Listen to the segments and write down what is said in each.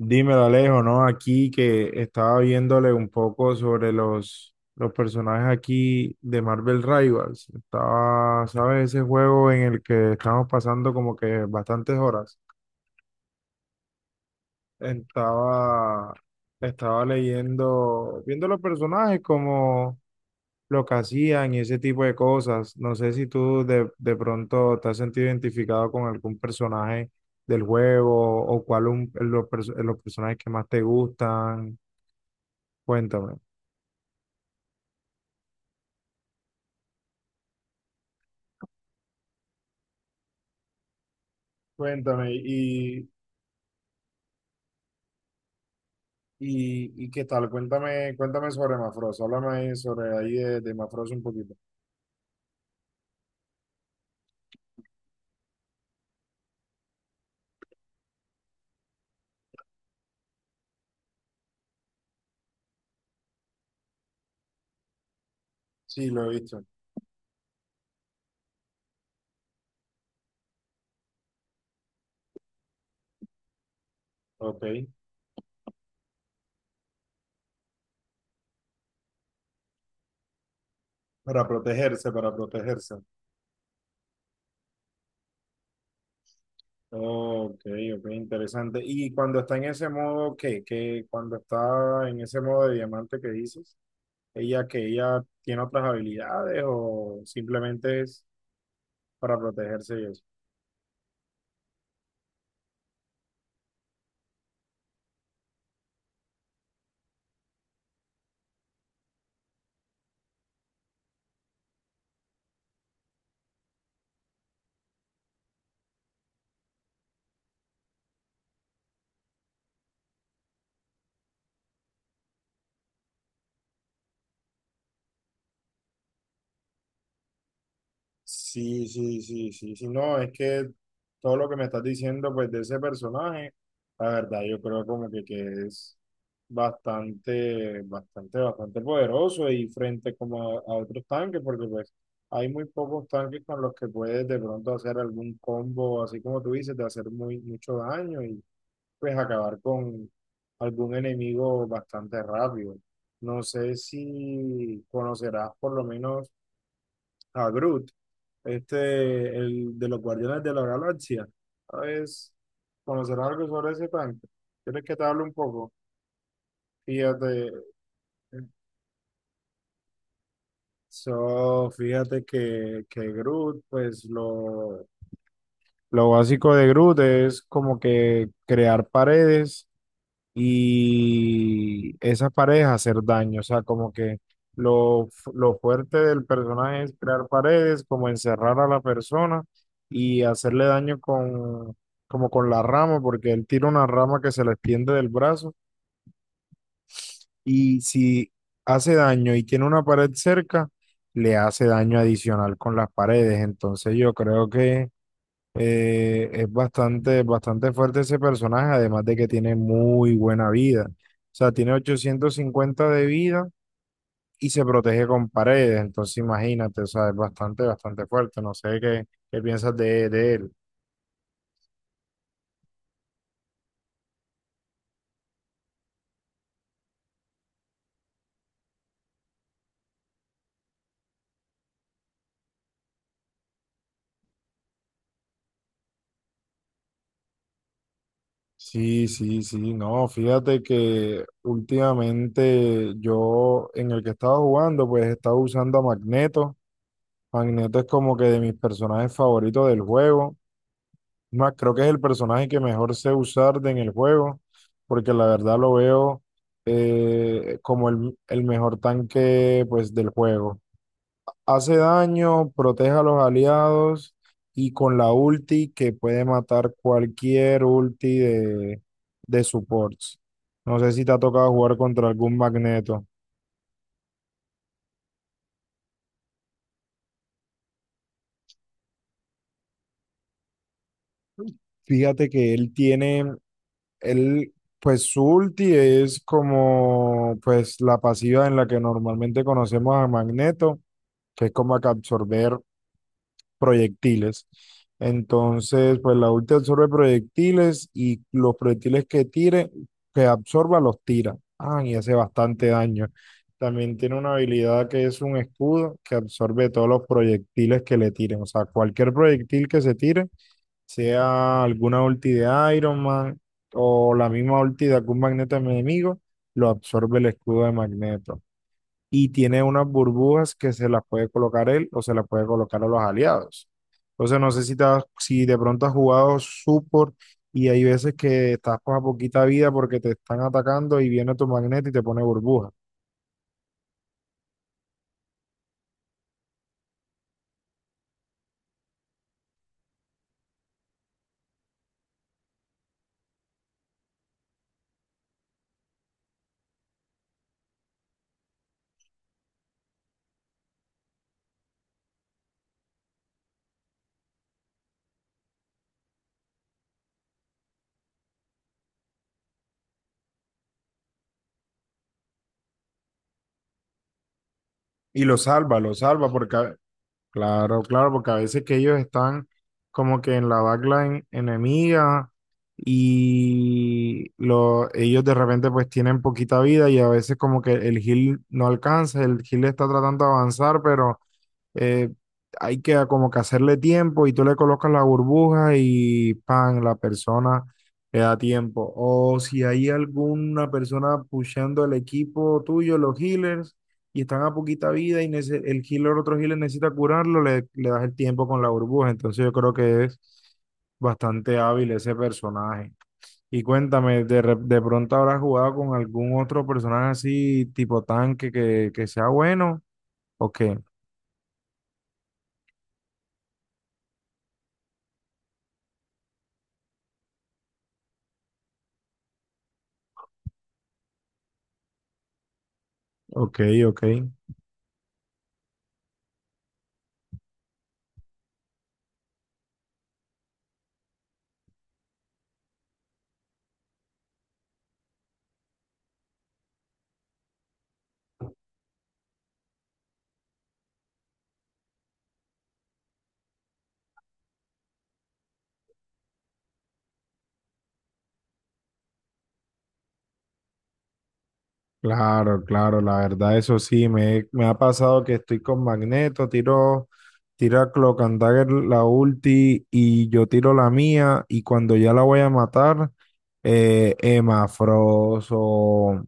Dímelo, Alejo, ¿no? Aquí que estaba viéndole un poco sobre los personajes aquí de Marvel Rivals. Estaba, ¿sabes? Ese juego en el que estamos pasando como que bastantes horas. Estaba, estaba leyendo, viendo los personajes como lo que hacían y ese tipo de cosas. No sé si tú de pronto te has sentido identificado con algún personaje del juego o cuál un, los, los personajes que más te gustan. Cuéntame. Cuéntame, y, y qué tal, cuéntame sobre Mafros, háblame ahí sobre ahí de Mafros un poquito. Sí, lo he visto. Ok. Para protegerse, para protegerse. Ok, ok, interesante. Y cuando está en ese modo, ¿qué? ¿Qué? Cuando está en ese modo de diamante que dices, ¿ella que ella tiene otras habilidades o simplemente es para protegerse y eso? Sí, sí, sí, sí, sí, no, es que todo lo que me estás diciendo, pues, de ese personaje, la verdad, yo creo como que es bastante, bastante, bastante poderoso y frente como a otros tanques, porque pues hay muy pocos tanques con los que puedes de pronto hacer algún combo, así como tú dices, de hacer muy, mucho daño y pues acabar con algún enemigo bastante rápido. No sé si conocerás por lo menos a Groot este, el de los Guardianes de la Galaxia. ¿Sabes? ¿Conocer algo sobre ese tanque? ¿Quieres que te hable un poco? Fíjate, so, fíjate que Groot, pues lo básico de Groot es como que crear paredes y esa paredes hacer daño. O sea, como que lo, lo fuerte del personaje es crear paredes, como encerrar a la persona y hacerle daño con, como con la rama, porque él tira una rama que se le extiende del brazo y si hace daño y tiene una pared cerca, le hace daño adicional con las paredes. Entonces yo creo que... es bastante, bastante fuerte ese personaje, además de que tiene muy buena vida. O sea, tiene 850 de vida y se protege con paredes. Entonces, imagínate, o sea, es bastante, bastante fuerte. No sé qué, qué piensas de él. Sí, sí, sí, no, fíjate que últimamente yo en el que estaba jugando, pues estaba usando a Magneto. Magneto es como que de mis personajes favoritos del juego. Más, creo que es el personaje que mejor sé usar en el juego, porque la verdad lo veo como el mejor tanque pues, del juego. Hace daño, protege a los aliados y con la ulti que puede matar cualquier ulti de supports. No sé si te ha tocado jugar contra algún Magneto. Fíjate que él, pues su ulti es como pues la pasiva en la que normalmente conocemos a Magneto, que es como que absorber proyectiles. Entonces, pues la ulti absorbe proyectiles y los proyectiles que tire, que absorba, los tira. Ah, y hace bastante daño. También tiene una habilidad que es un escudo que absorbe todos los proyectiles que le tiren. O sea, cualquier proyectil que se tire sea alguna ulti de Iron Man o la misma ulti de algún magneto enemigo, lo absorbe el escudo de Magneto. Y tiene unas burbujas que se las puede colocar él o se las puede colocar a los aliados. Entonces no sé si, si de pronto has jugado support y hay veces que estás con poquita vida porque te están atacando y viene tu magneto y te pone burbuja. Y lo salva porque claro, claro, porque a veces que ellos están como que en la backline enemiga y lo, ellos de repente pues tienen poquita vida y a veces como que el heal no alcanza, el heal está tratando de avanzar, pero eh, hay que como que hacerle tiempo y tú le colocas la burbuja y pan, la persona le da tiempo. O si hay alguna persona pushando el equipo tuyo, los healers, y están a poquita vida y el healer, otro healer necesita curarlo, le das el tiempo con la burbuja. Entonces yo creo que es bastante hábil ese personaje. Y cuéntame, ¿de, de pronto habrás jugado con algún otro personaje así, tipo tanque, que sea bueno? Ok, ok, ok. Claro, claro, la verdad, eso sí, me ha pasado que estoy con Magneto, tiro a Cloak and Dagger la ulti y yo tiro la mía y cuando ya la voy a matar, Emma Frost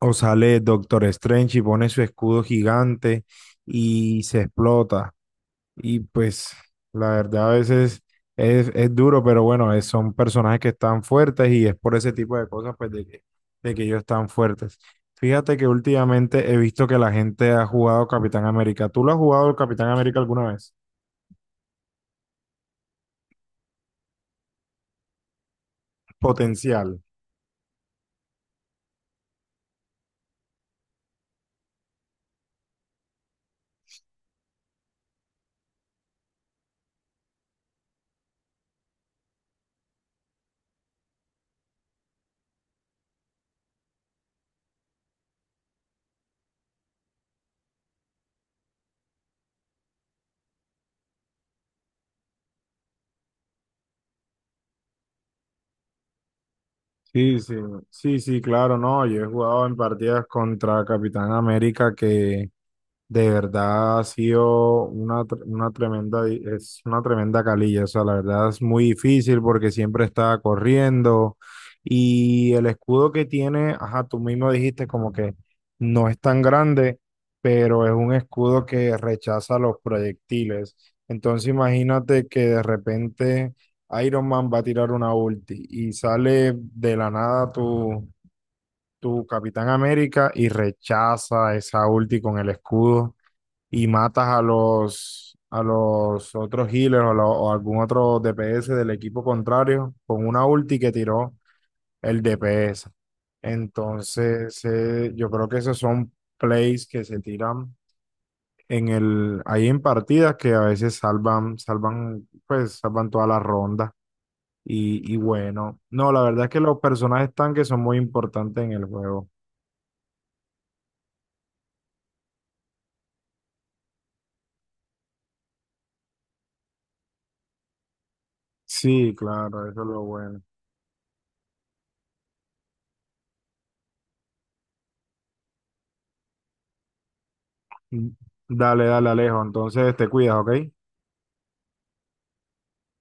o sale Doctor Strange y pone su escudo gigante y se explota. Y pues la verdad a veces es duro, pero bueno, son personajes que están fuertes y es por ese tipo de cosas pues de que ellos están fuertes. Fíjate que últimamente he visto que la gente ha jugado Capitán América. ¿Tú lo has jugado el Capitán América alguna vez? Potencial. Sí, sí, sí, sí, claro, no. Yo he jugado en partidas contra Capitán América que de verdad ha sido una tremenda, es una tremenda calilla, o sea, la verdad es muy difícil porque siempre está corriendo y el escudo que tiene, ajá, tú mismo dijiste como que no es tan grande, pero es un escudo que rechaza los proyectiles. Entonces imagínate que de repente Iron Man va a tirar una ulti y sale de la nada tu Capitán América y rechaza esa ulti con el escudo y matas a a los otros healers o algún otro DPS del equipo contrario con una ulti que tiró el DPS. Entonces, yo creo que esos son plays que se tiran en el, ahí en partidas que a veces salvan, pues salvan toda la ronda. Y bueno, no, la verdad es que los personajes tanques son muy importantes en el juego. Sí, claro, eso es lo bueno. Mm, dale, dale, Alejo. Entonces te cuidas, ¿ok?